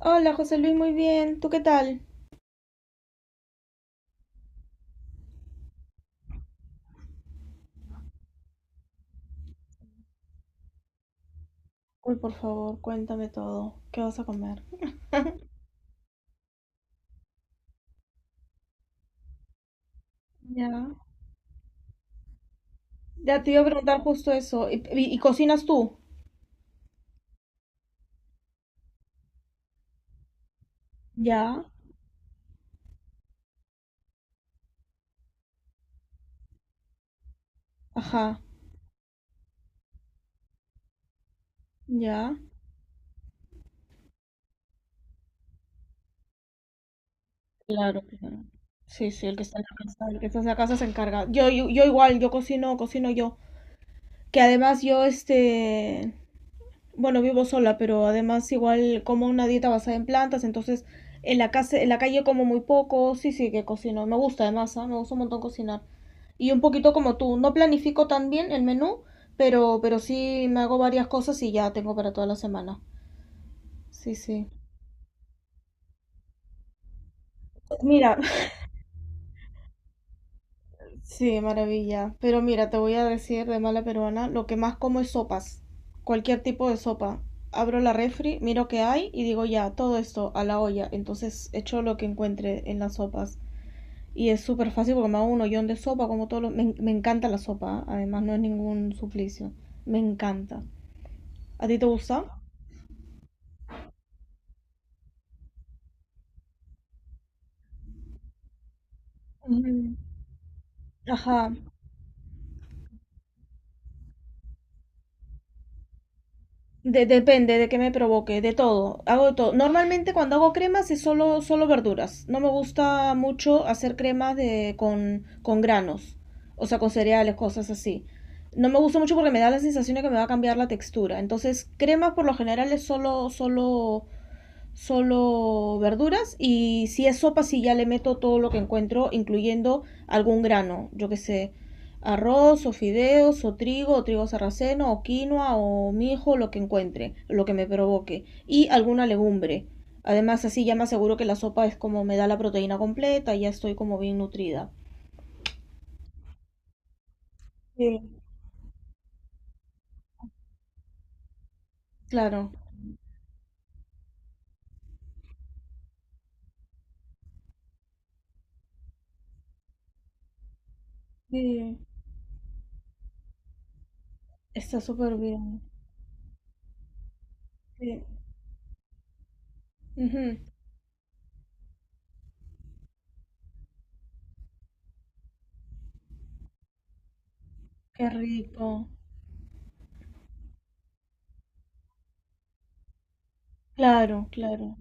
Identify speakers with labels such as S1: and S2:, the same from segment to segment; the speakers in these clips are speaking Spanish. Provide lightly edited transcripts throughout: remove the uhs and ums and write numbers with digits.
S1: Hola, José Luis, muy bien. ¿Tú qué tal? Uy, por favor, cuéntame todo. ¿Qué vas a comer? Ya. Ya te iba a preguntar justo eso. ¿Y, y cocinas tú? Ya. Ajá. Ya. Claro, claro. Sí, sí, el que está en la casa, el que está en la casa se encarga. Yo igual, yo cocino, cocino yo. Que además yo, bueno, vivo sola, pero además igual como una dieta basada en plantas, entonces en la casa, en la calle como muy poco. Sí, sí, que cocino. Me gusta además, ¿ah? Me gusta un montón cocinar. Y un poquito como tú, no planifico tan bien el menú, pero sí me hago varias cosas y ya tengo para toda la semana. Sí, sí. Mira, sí, maravilla. Pero mira, te voy a decir de mala peruana, lo que más como es sopas. Cualquier tipo de sopa. Abro la refri, miro qué hay y digo ya, todo esto a la olla. Entonces echo lo que encuentre en las sopas. Y es súper fácil porque me hago un hoyón de sopa, como todo lo... me encanta la sopa, ¿ah? Además no es ningún suplicio. Me encanta. ¿A ti te gusta? Ajá, depende de qué me provoque, de todo, hago de todo. Normalmente cuando hago cremas es solo, solo verduras. No me gusta mucho hacer cremas con granos, o sea, con cereales, cosas así. No me gusta mucho porque me da la sensación de que me va a cambiar la textura. Entonces, cremas por lo general es solo, solo verduras y si es sopa, sí ya le meto todo lo que encuentro, incluyendo algún grano, yo que sé, arroz o fideos o trigo sarraceno o quinoa o mijo, lo que encuentre, lo que me provoque y alguna legumbre. Además, así ya me aseguro que la sopa es como me da la proteína completa y ya estoy como bien nutrida. Sí, claro, sí, está súper bien. Sí. Ujú. Qué rico. Claro, claro.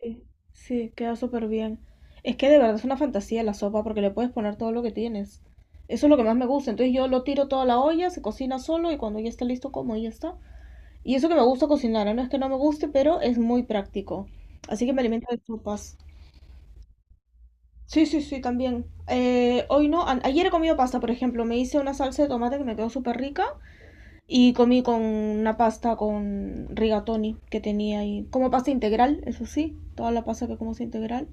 S1: Sí, sí, queda súper bien. Es que de verdad es una fantasía la sopa porque le puedes poner todo lo que tienes. Eso es lo que más me gusta. Entonces yo lo tiro toda la olla, se cocina solo y cuando ya está listo como y ya está. Y eso que me gusta cocinar, ¿eh? No es que no me guste, pero es muy práctico. Así que me alimento de sopas. Sí, sí, sí, también. Hoy no, ayer he comido pasta, por ejemplo. Me hice una salsa de tomate que me quedó súper rica y comí con una pasta con rigatoni que tenía ahí. Como pasta integral, eso sí, toda la pasta que como es integral.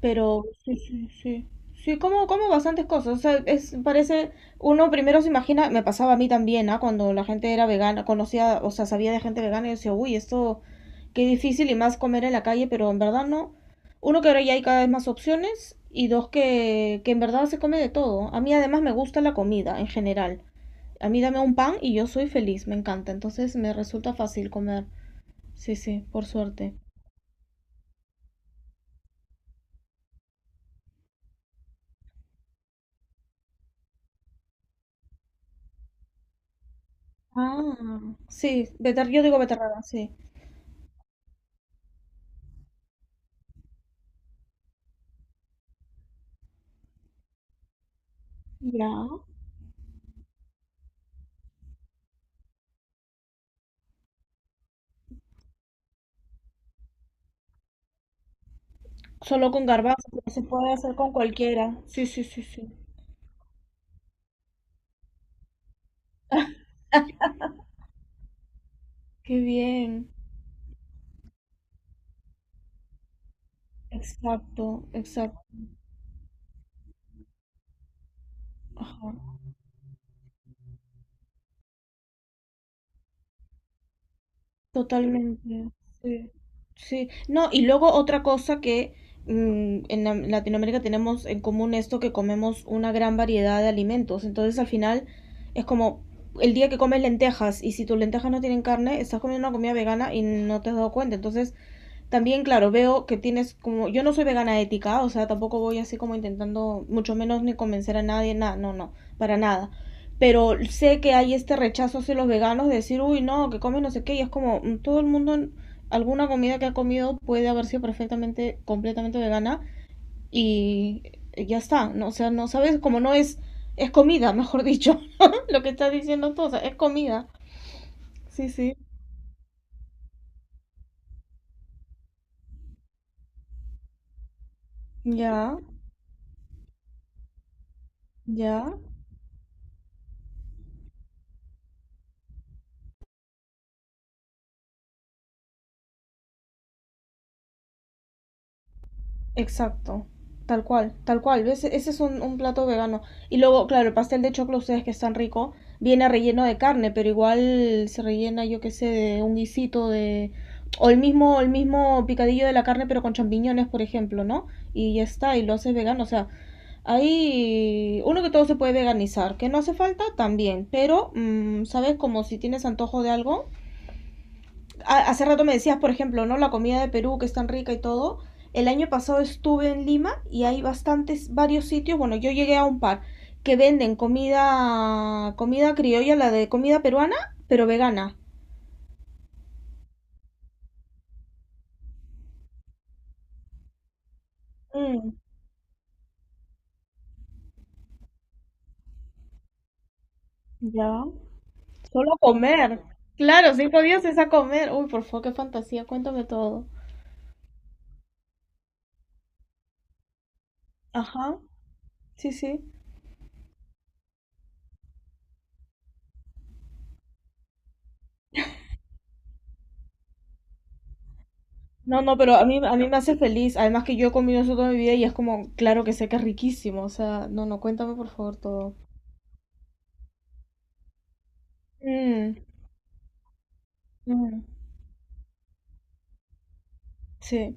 S1: Pero sí, sí, sí. Sí, como, como bastantes cosas. O sea, es, parece, uno primero se imagina, me pasaba a mí también, ¿ah? Cuando la gente era vegana, conocía, o sea, sabía de gente vegana y decía, uy, esto, qué difícil y más comer en la calle, pero en verdad no. Uno, que ahora ya hay cada vez más opciones y dos, que en verdad se come de todo. A mí además me gusta la comida en general. A mí dame un pan y yo soy feliz, me encanta. Entonces me resulta fácil comer. Sí, sí, por suerte. Ah, sí, yo digo beterraga, sí. Ya. Solo con garbanzo, pero se puede hacer con cualquiera. Sí, sí, sí, sí. Qué bien. Exacto, exacto. Ajá. Totalmente. Sí. Sí. No, y luego otra cosa que en en Latinoamérica tenemos en común esto que comemos una gran variedad de alimentos. Entonces al final es como el día que comes lentejas y si tus lentejas no tienen carne, estás comiendo una comida vegana y no te has dado cuenta. Entonces también, claro, veo que tienes como, yo no soy vegana ética, o sea, tampoco voy así como intentando, mucho menos ni convencer a nadie, nada, no, no, para nada. Pero sé que hay este rechazo hacia los veganos de decir, uy, no, que comen no sé qué, y es como, mm, todo el mundo, alguna comida que ha comido puede haber sido perfectamente, completamente vegana, y ya está, ¿no? O sea, no sabes, como no es, es comida, mejor dicho, lo que estás diciendo tú, o sea, es comida. Sí, sí, ya, ya. Exacto. Tal cual, tal cual. Ese es un plato vegano. Y luego, claro, el pastel de choclo, ustedes que están rico, viene relleno de carne, pero igual se rellena, yo qué sé, de un guisito de... O el mismo picadillo de la carne, pero con champiñones, por ejemplo, ¿no? Y ya está, y lo haces vegano. O sea, ahí uno que todo se puede veganizar, que no hace falta también, pero, mm, ¿sabes? Como si tienes antojo de algo, hace rato me decías, por ejemplo, ¿no? La comida de Perú que es tan rica y todo. El año pasado estuve en Lima y hay bastantes, varios sitios, bueno, yo llegué a un par que venden comida, comida criolla, la de comida peruana, pero vegana. Mm, ya. Solo a comer. Claro, cinco días es a comer. Uy, por favor, qué fantasía, cuéntame todo. Ajá, sí, sí. No, no, pero a mí me hace feliz. Además que yo he comido eso toda mi vida y es como, claro que sé que es riquísimo. O sea, no, no, cuéntame por favor todo. Mm. Mm, sí,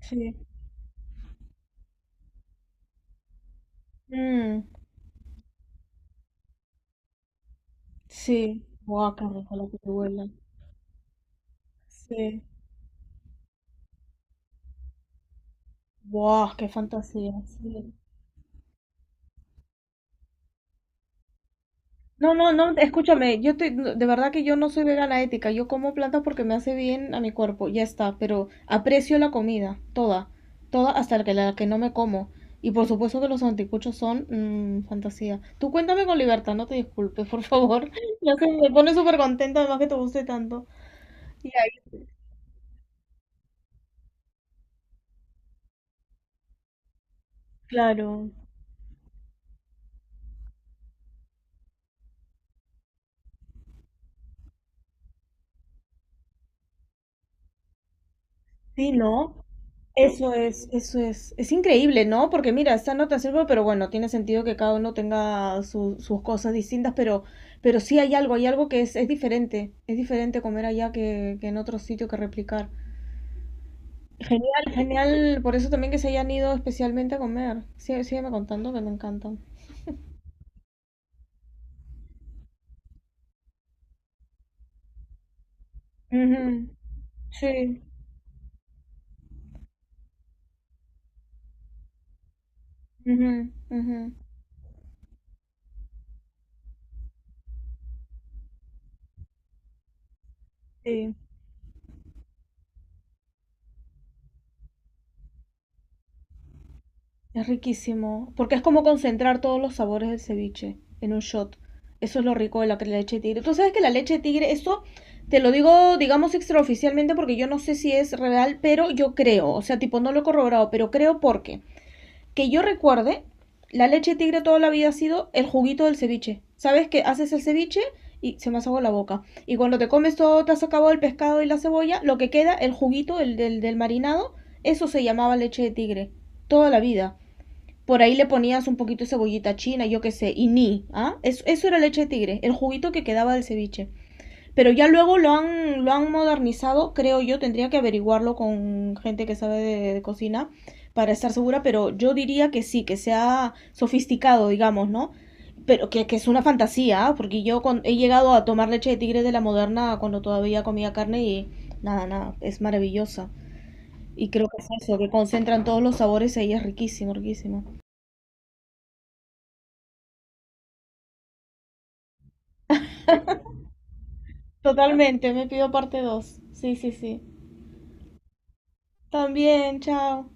S1: sí. Mm, sí. Buah, qué rico lo que te huele. Sí. Buah, qué fantasía. Sí. No, no, no, escúchame, no, de verdad que yo no soy vegana ética, yo como plantas porque me hace bien a mi cuerpo, ya está, pero aprecio la comida, toda, toda hasta la que no me como. Y por supuesto que los anticuchos son mm, fantasía. Tú cuéntame con libertad, no te disculpes, por favor. Ya se me pone súper contenta, además que te guste tanto. Y ahí, claro. Sí, ¿no? Eso es increíble, ¿no? Porque mira, esta nota sirve, pero bueno, tiene sentido que cada uno tenga sus cosas distintas, pero sí hay algo que es diferente comer allá que en otro sitio que replicar. Genial, genial, por eso también que se hayan ido especialmente a comer. Sí, sígueme contando que me encantan. Ujú. Sí, ujú, ujú, sí. Es riquísimo, porque es como concentrar todos los sabores del ceviche en un shot. Eso es lo rico de la leche de tigre. Tú sabes que la leche de tigre, eso te lo digo, digamos, extraoficialmente porque yo no sé si es real, pero yo creo, o sea, tipo, no lo he corroborado, pero creo porque, que yo recuerde, la leche de tigre toda la vida ha sido el juguito del ceviche. ¿Sabes que haces el ceviche y se me hace agua la boca? Y cuando te comes todo, te has acabado el pescado y la cebolla, lo que queda, el juguito del marinado, eso se llamaba leche de tigre, toda la vida, por ahí le ponías un poquito de cebollita china, yo qué sé, y ni, ¿ah? Eso eso era leche de tigre, el juguito que quedaba del ceviche. Pero ya luego lo han modernizado, creo yo, tendría que averiguarlo con gente que sabe de cocina para estar segura, pero yo diría que sí, que sea sofisticado, digamos, ¿no? Pero que es una fantasía, ¿ah? Porque yo he llegado a tomar leche de tigre de la moderna cuando todavía comía carne y nada, nada, es maravillosa. Y creo que es eso, que concentran todos los sabores ahí, es riquísimo, riquísimo. Totalmente, me pido parte 2. Sí, sí, sí. También, chao.